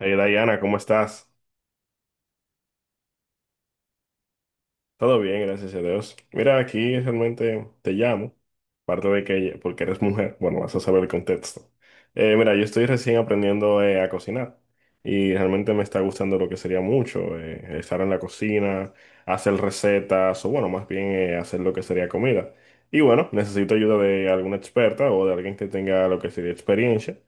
Hey Diana, ¿cómo estás? Todo bien, gracias a Dios. Mira, aquí realmente te llamo. Aparte de que, porque eres mujer, bueno, vas a saber el contexto. Mira, yo estoy recién aprendiendo a cocinar y realmente me está gustando lo que sería mucho, estar en la cocina, hacer recetas o bueno, más bien hacer lo que sería comida. Y bueno, necesito ayuda de alguna experta o de alguien que tenga lo que sería experiencia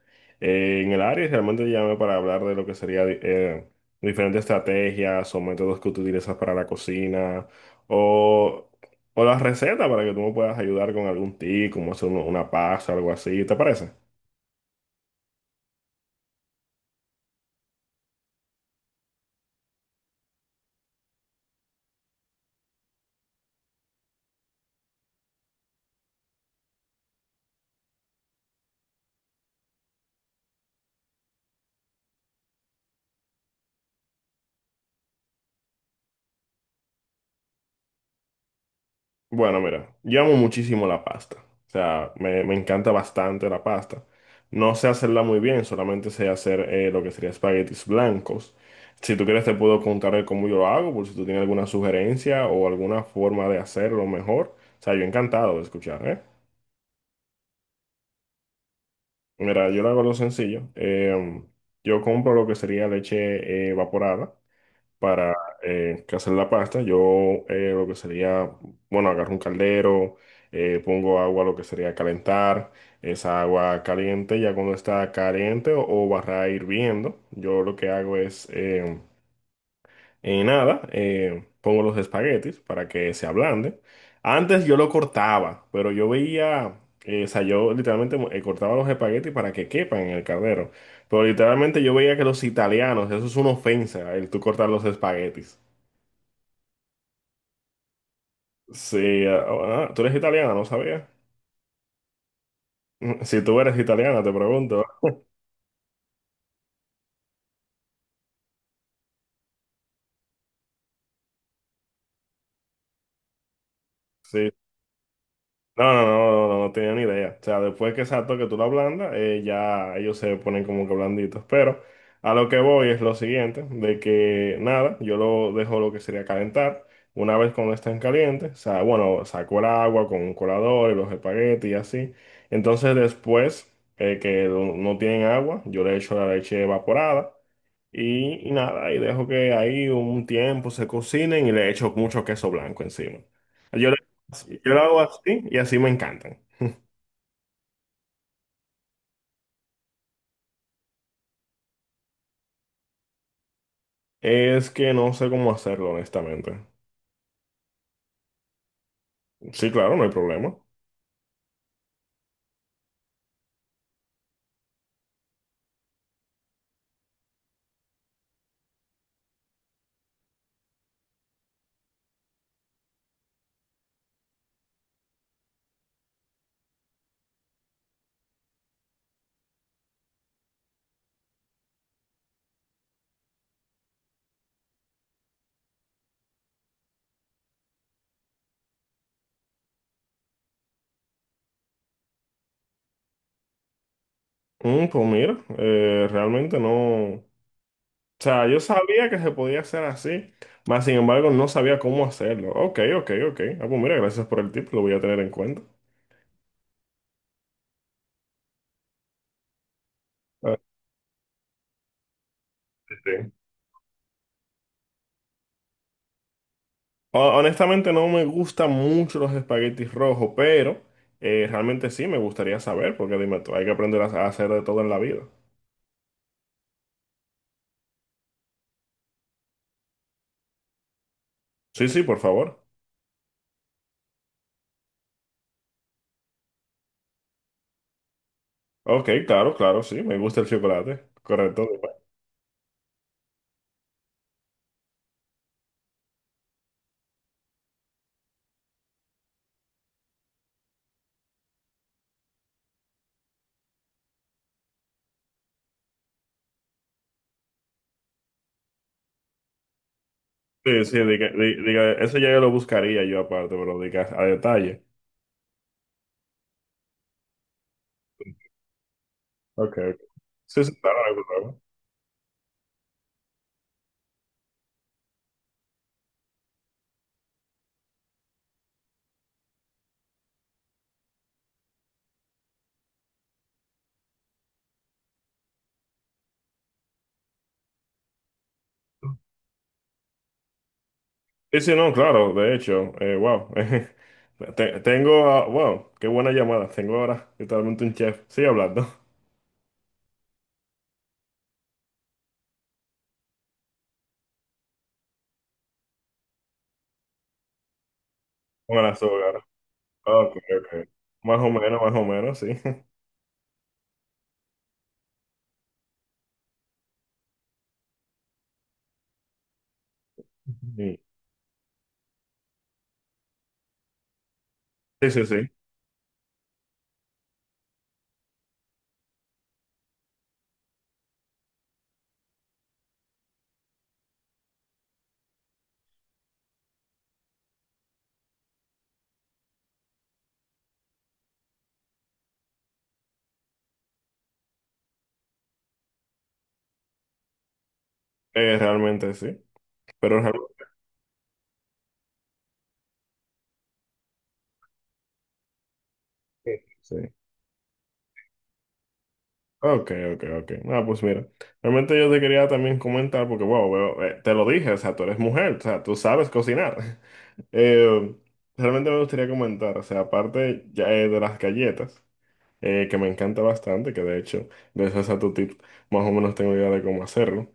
en el área y realmente llamé para hablar de lo que sería diferentes estrategias o métodos que tú utilizas para la cocina o... O las recetas para que tú me puedas ayudar con algún tip, como hacer una pasta o algo así, ¿te parece? Bueno, mira, yo amo muchísimo la pasta. O sea, me encanta bastante la pasta. No sé hacerla muy bien, solamente sé hacer lo que sería espaguetis blancos. Si tú quieres te puedo contar el cómo yo lo hago, por si tú tienes alguna sugerencia o alguna forma de hacerlo mejor. O sea, yo encantado de escuchar, ¿eh? Mira, yo lo hago lo sencillo. Yo compro lo que sería leche evaporada para que hacer la pasta. Yo lo que sería, bueno, agarro un caldero, pongo agua, lo que sería calentar, esa agua caliente, ya cuando está caliente o barra hirviendo, yo lo que hago es, nada, pongo los espaguetis para que se ablanden. Antes yo lo cortaba, pero yo veía... o sea, yo literalmente cortaba los espaguetis para que quepan en el caldero. Pero literalmente yo veía que los italianos, eso es una ofensa, el tú cortar los espaguetis. Sí, tú eres italiana, no sabía. Si tú eres italiana, te pregunto. Sí. No, no, no, no, no tenía ni idea. O sea, después que exacto que tú lo ablandas, ya ellos se ponen como que blanditos. Pero a lo que voy es lo siguiente, de que nada, yo lo dejo lo que sería calentar. Una vez cuando estén calientes, o sea, bueno, saco el agua con un colador y los espaguetis y así. Entonces después que no tienen agua, yo le echo la leche evaporada. Y nada, y dejo que ahí un tiempo se cocinen y le echo mucho queso blanco encima. Yo, le- yo lo hago así y así me encantan. Es que no sé cómo hacerlo, honestamente. Sí, claro, no hay problema. Mm, pues mira, realmente no. O sea, yo sabía que se podía hacer así, mas sin embargo no sabía cómo hacerlo. Ok, ok, ok. Ah, pues mira, gracias por el tip, lo voy a tener en cuenta. Ah, sí. Honestamente no me gustan mucho los espaguetis rojos, pero realmente sí me gustaría saber, porque dime tú, hay que aprender a hacer de todo en la vida. Sí, sí, por favor. Ok, claro, claro, sí, me gusta el chocolate. Correcto. Sí, sí, diga, eso ya yo lo buscaría yo aparte, pero diga a detalle. Ok, ok. Sí, sí, claro, no hay problema. Sí, sí, no, claro, de hecho, wow. Tengo, ah, wow, qué buena llamada. Tengo ahora literalmente un chef. Sigue hablando. Buenas, ok, ok. Más o menos, sí. Sí, sí, sí. Realmente sí. Pero realmente sí. Ok, ok, ok. Ah, pues mira. Realmente yo te quería también comentar, porque, wow, te lo dije, o sea, tú eres mujer, o sea, tú sabes cocinar. Eh, Realmente me gustaría comentar, o sea, aparte ya, de las galletas, que me encanta bastante, que de hecho, gracias a tu tip, más o menos tengo idea de cómo hacerlo.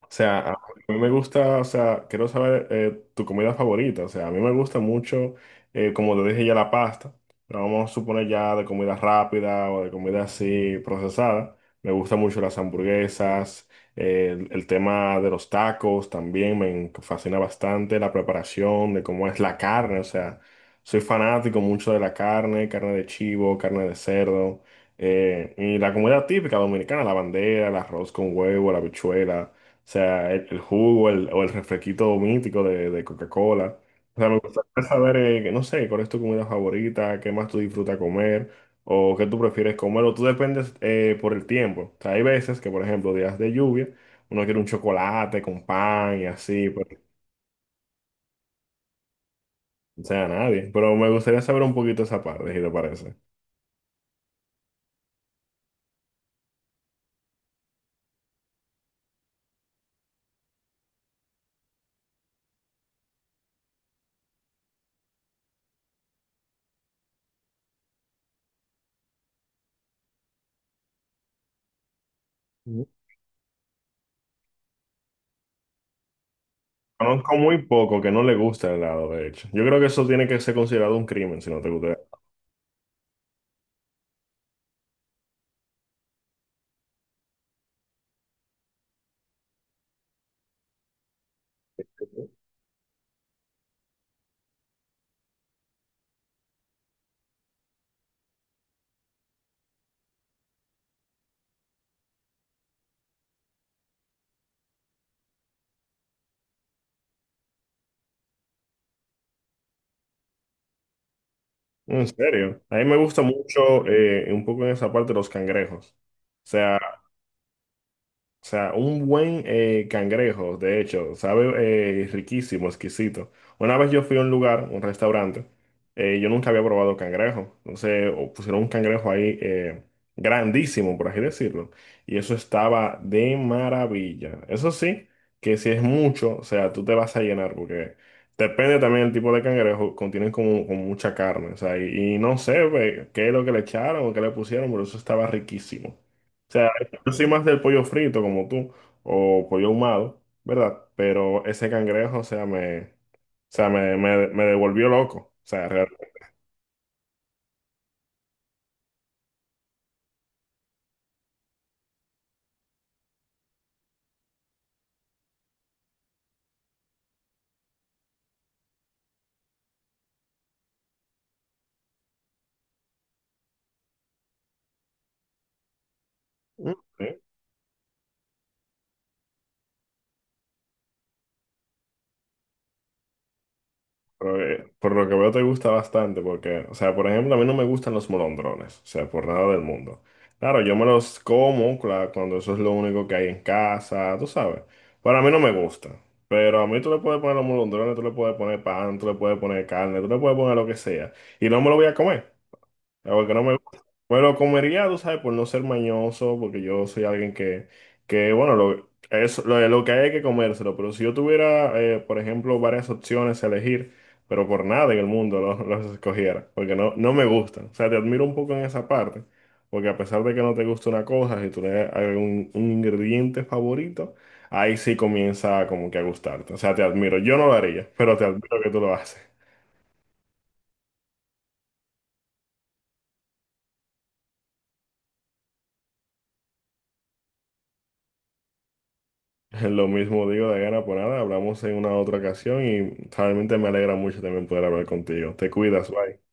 O sea, a mí me gusta, o sea, quiero saber tu comida favorita. O sea, a mí me gusta mucho, como te dije ya, la pasta. Pero vamos a suponer ya de comida rápida o de comida así procesada. Me gustan mucho las hamburguesas, el tema de los tacos también fascina bastante, la preparación de cómo es la carne. O sea, soy fanático mucho de la carne, carne de chivo, carne de cerdo. Y la comida típica dominicana, la bandera, el arroz con huevo, la habichuela. O sea, el jugo o el refresquito mítico de Coca-Cola. O sea, me gustaría saber, que no sé, cuál es tu comida favorita, qué más tú disfrutas comer, o qué tú prefieres comer, o tú dependes por el tiempo. O sea, hay veces que, por ejemplo, días de lluvia, uno quiere un chocolate con pan y así, pues, o sea, nadie. Pero me gustaría saber un poquito esa parte, si te parece. Mm. Conozco muy poco que no le gusta el helado, de hecho. Yo creo que eso tiene que ser considerado un crimen, si no te gusta. En serio, a mí me gusta mucho un poco en esa parte los cangrejos. Sea, o sea, un buen cangrejo, de hecho, sabe riquísimo, exquisito. Una vez yo fui a un lugar, un restaurante, yo nunca había probado cangrejo. Entonces pusieron un cangrejo ahí grandísimo, por así decirlo. Y eso estaba de maravilla. Eso sí, que si es mucho, o sea, tú te vas a llenar porque depende también del tipo de cangrejo, contienen como mucha carne. O sea, y no sé pues, qué es lo que le echaron o qué le pusieron, pero eso estaba riquísimo. Yo soy más del pollo frito como tú, o pollo ahumado, ¿verdad? Pero ese cangrejo, o sea, me devolvió loco. O sea, realmente, mm, ¿sí? Pero, por lo que veo te gusta bastante, porque, o sea, por ejemplo, a mí no me gustan los molondrones, o sea, por nada del mundo. Claro, yo me los como, claro, cuando eso es lo único que hay en casa, tú sabes. Para mí no me gusta. Pero a mí tú le puedes poner los molondrones, tú le puedes poner pan, tú le puedes poner carne, tú le puedes poner lo que sea. Y no me lo voy a comer. Ah, porque no me gusta. Me lo comería, tú sabes, por no ser mañoso, porque yo soy alguien que, lo que hay es que comérselo. Pero si yo tuviera, por ejemplo, varias opciones a elegir, pero por nada en el mundo escogiera, porque no, no me gustan. O sea, te admiro un poco en esa parte, porque a pesar de que no te gusta una cosa, si tú le das algún un ingrediente favorito, ahí sí comienza como que a gustarte. O sea, te admiro. Yo no lo haría, pero te admiro que tú lo haces. Lo mismo digo de gana por nada, hablamos en una otra ocasión y realmente me alegra mucho también poder hablar contigo. Te cuidas, bye.